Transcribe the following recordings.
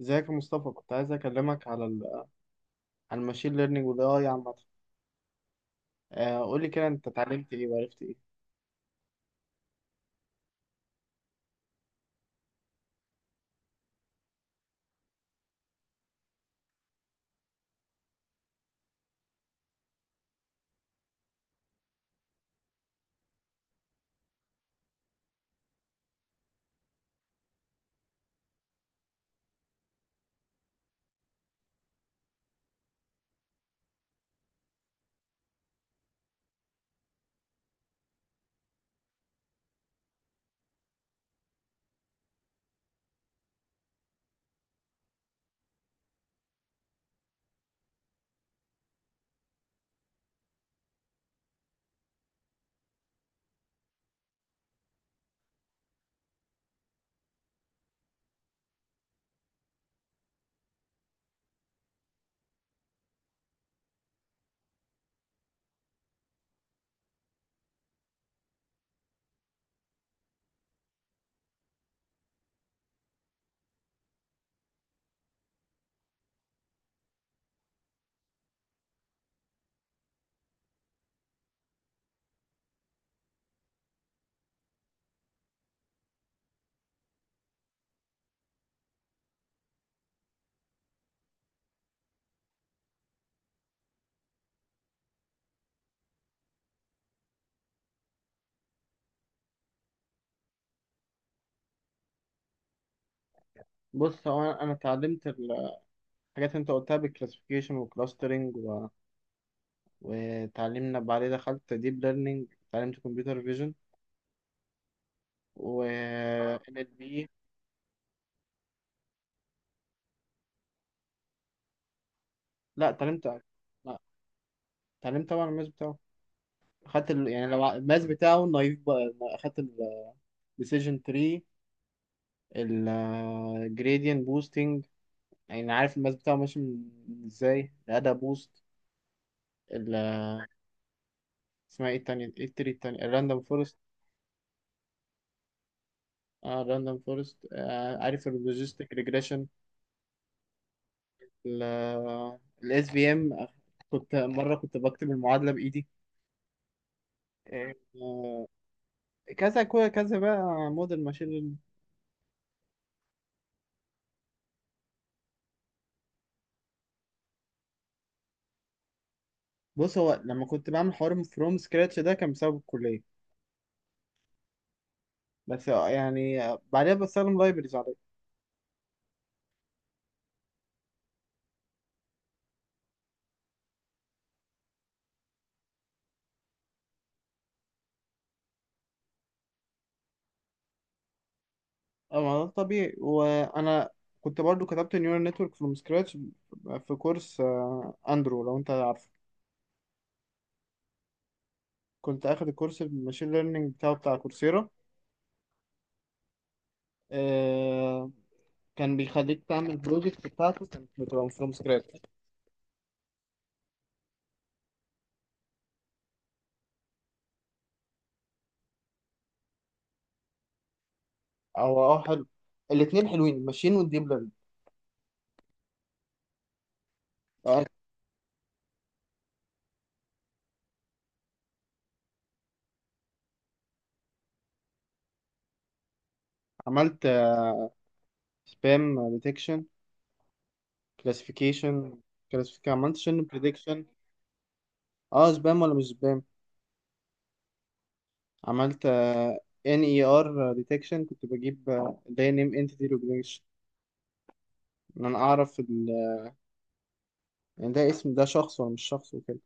ازيك يا مصطفى؟ كنت عايز اكلمك على ال على الماشين ليرنينج والاي اي عامه. قول لي كده انت اتعلمت ايه وعرفت ايه؟ بص هو أنا اتعلمت الحاجات اللي انت قلتها بالكلاسيفيكيشن والكلاسترنج وتعلمنا. بعدين دخلت ديب ليرنينج، اتعلمت كمبيوتر فيجن و ان ال بي. لا، اتعلمت. لا، اتعلمت طبعا الماس بتاعه. اخدت يعني لو الماس بتاعه النايف، بقى اخدت الديسيجن تري، الجريدينت بوستنج، يعني عارف الماس بتاعه ماشي ازاي الاداة بوست ال اسمها ايه التانية؟ ايه التري التانية؟ الراندوم فورست. اه الراندوم فورست. آه، عارف اللوجيستيك ريجريشن، الاس بي ام. كنت مرة كنت بكتب المعادلة بإيدي. آه، كذا بقى موديل ماشين. بص هو لما كنت بعمل حوار فروم سكراتش، ده كان بسبب الكلية، بس يعني بعدها بستخدم لايبرز عليه. اه، ما ده طبيعي. وانا كنت برضو كتبت نيورال نتورك فروم سكراتش في كورس اندرو، لو انت عارفه. كنت اخد الكورس الماشين ليرنينج بتاعه، بتاع كورسيرا. آه، كان بيخليك تعمل بروجكت بتاعته، كانت بتبقى فروم سكراتش. او اه، حلو. الاتنين حلوين، الماشين والديب ليرنينج. آه، عملت سبام ديتكشن كلاسيفيكيشن. كلاسيفيكيشن، عملت شن بريدكشن. اه، سبام ولا مش سبام. عملت ان اي ار ديتكشن، كنت بجيب ده نيم انتيتي ريكوجنيشن، ان انا اعرف يعني ده اسم، ده شخص ولا مش شخص، وكده.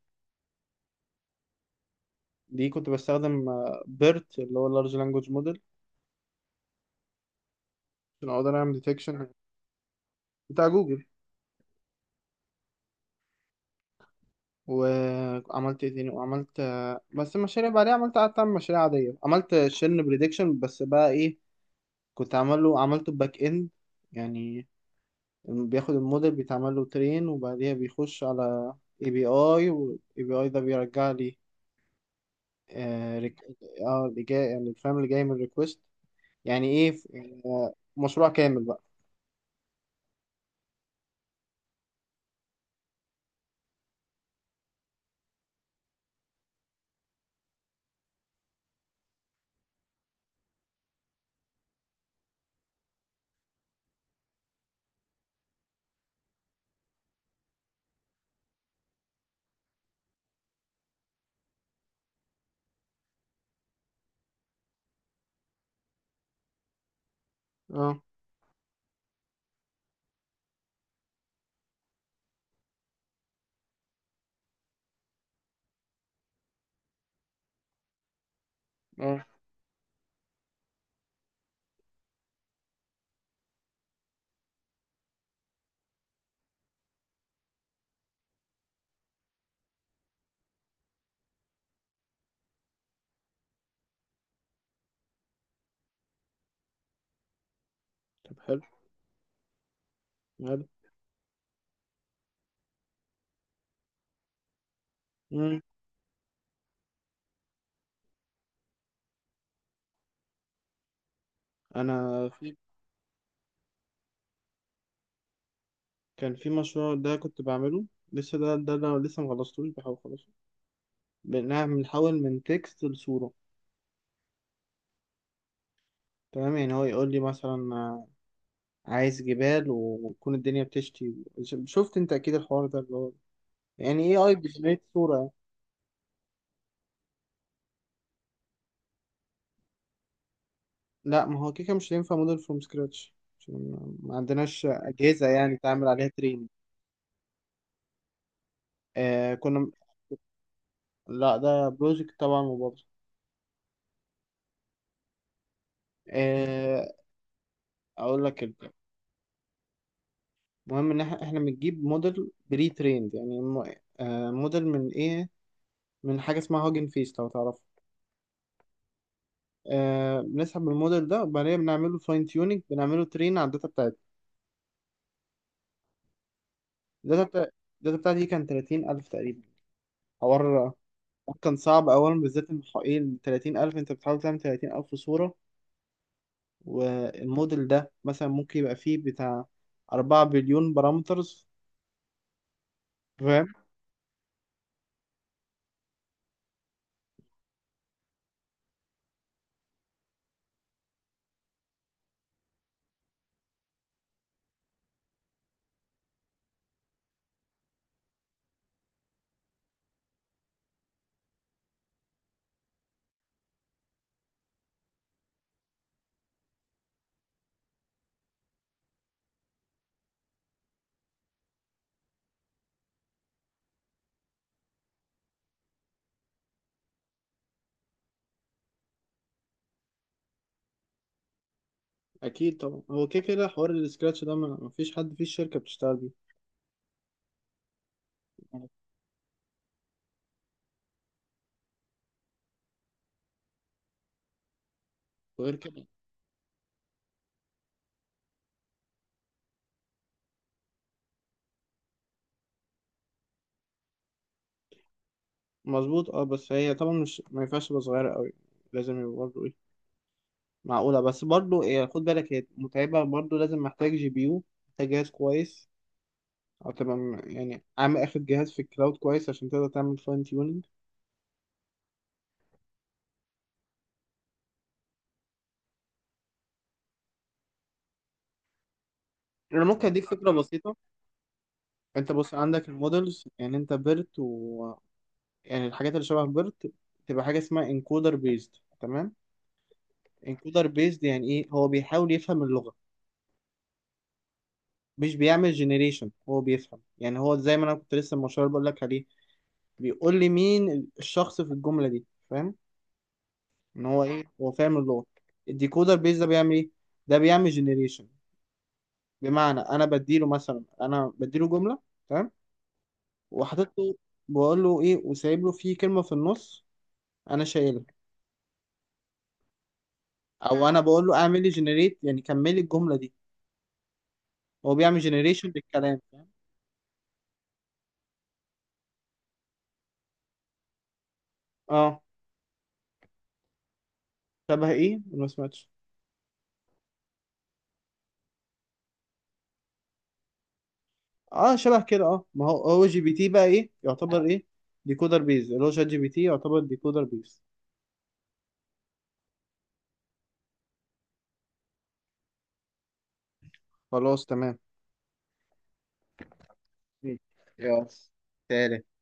دي كنت بستخدم بيرت، اللي هو اللارج لانجوج موديل، عشان اقدر اعمل ديتكشن. بتاع جوجل. وعملت ايه تاني؟ وعملت بس المشاريع بعدها، عملت قعدت اعمل مشاريع عادية. عملت شن بريدكشن، بس بقى ايه، كنت عامله، عملته باك اند. يعني بياخد الموديل، بيتعمل له ترين، وبعديها بيخش على اي بي اي، والاي بي اي ده بيرجع لي. اه ريك- اللي جاي، يعني الفريم اللي جاي من الريكوست. يعني مشروع كامل بقى. اه. اه، طب حلو. حلو. مم. انا في كان في مشروع ده كنت بعمله، لسه ده انا لسه مخلصتوش، بحاول اخلصه. بنحول من تكست لصورة. تمام، يعني هو يقول لي مثلا عايز جبال وتكون الدنيا بتشتي. شفت انت اكيد الحوار ده، اللي هو يعني ايه، اي بيجنريت صورة يعني. لا، ما هو كيكه مش هينفع موديل فروم سكراتش، ما عندناش أجهزة يعني تعمل عليها تريننج. آه كنا. لا ده بروجكت طبعا مبالغ. آه، اقول لك. المهم ان احنا بنجيب موديل بري تريند، موديل من ايه، من حاجه اسمها هوجن فيس، لو تعرفه. آه، بنسحب الموديل ده وبعدين بنعمله فاين تيوننج، بنعمله ترين على الداتا بتاعتي. الداتا بتاع- الداتا بتاعتي كان 30,000 تقريبا حوار. كان صعب اولا، بالذات ان ايه ال 30,000، انت بتحاول تعمل 30,000 صوره. والموديل ده مثلا ممكن يبقى فيه بتاع 4 بليون بارامترز، فاهم؟ اكيد طبعا، هو كده كده حوار السكراتش ده ما فيش حد في الشركه بتشتغل بيه. وغير كده. مظبوط اه، بس هي طبعا مش، ما ينفعش تبقى صغيرة قوي، لازم يبقى برضه ايه، معقولة. بس برضه إيه، خد بالك، هي متعبة برضه، لازم محتاج جي بي يو، محتاج جهاز كويس، او تبقى يعني عامل اخد جهاز في الكلاود كويس عشان تقدر تعمل فاين تيوننج. انا ممكن اديك فكرة بسيطة. انت بص عندك المودلز، يعني انت بيرت و يعني الحاجات اللي شبه بيرت، تبقى حاجة اسمها انكودر بيزد. تمام. انكودر بيزد يعني ايه؟ هو بيحاول يفهم اللغة، مش بيعمل جنريشن، هو بيفهم، يعني هو زي ما انا كنت لسه المشروع بقول لك عليه، بيقول لي مين الشخص في الجملة دي، فاهم؟ ان هو ايه، هو فاهم اللغة. الديكودر بيز ده بيعمل ايه؟ ده بيعمل جنريشن، بمعنى انا بديله مثلا، انا بديله جملة، تمام، وحاطط له، بقول له ايه، وسايب له فيه كلمة في النص انا شايلها. او انا بقول له اعمل لي جنريت، يعني كمل لي الجملة دي، هو بيعمل جنريشن للكلام، فاهم؟ اه شبه ايه، أنا ما سمعتش. اه شبه كده. اه، ما هو هو جي بي تي بقى ايه، يعتبر ايه، ديكودر بيز. اللي هو شات جي بي تي يعتبر ديكودر بيز. خلاص تمام. مم. يا تالت.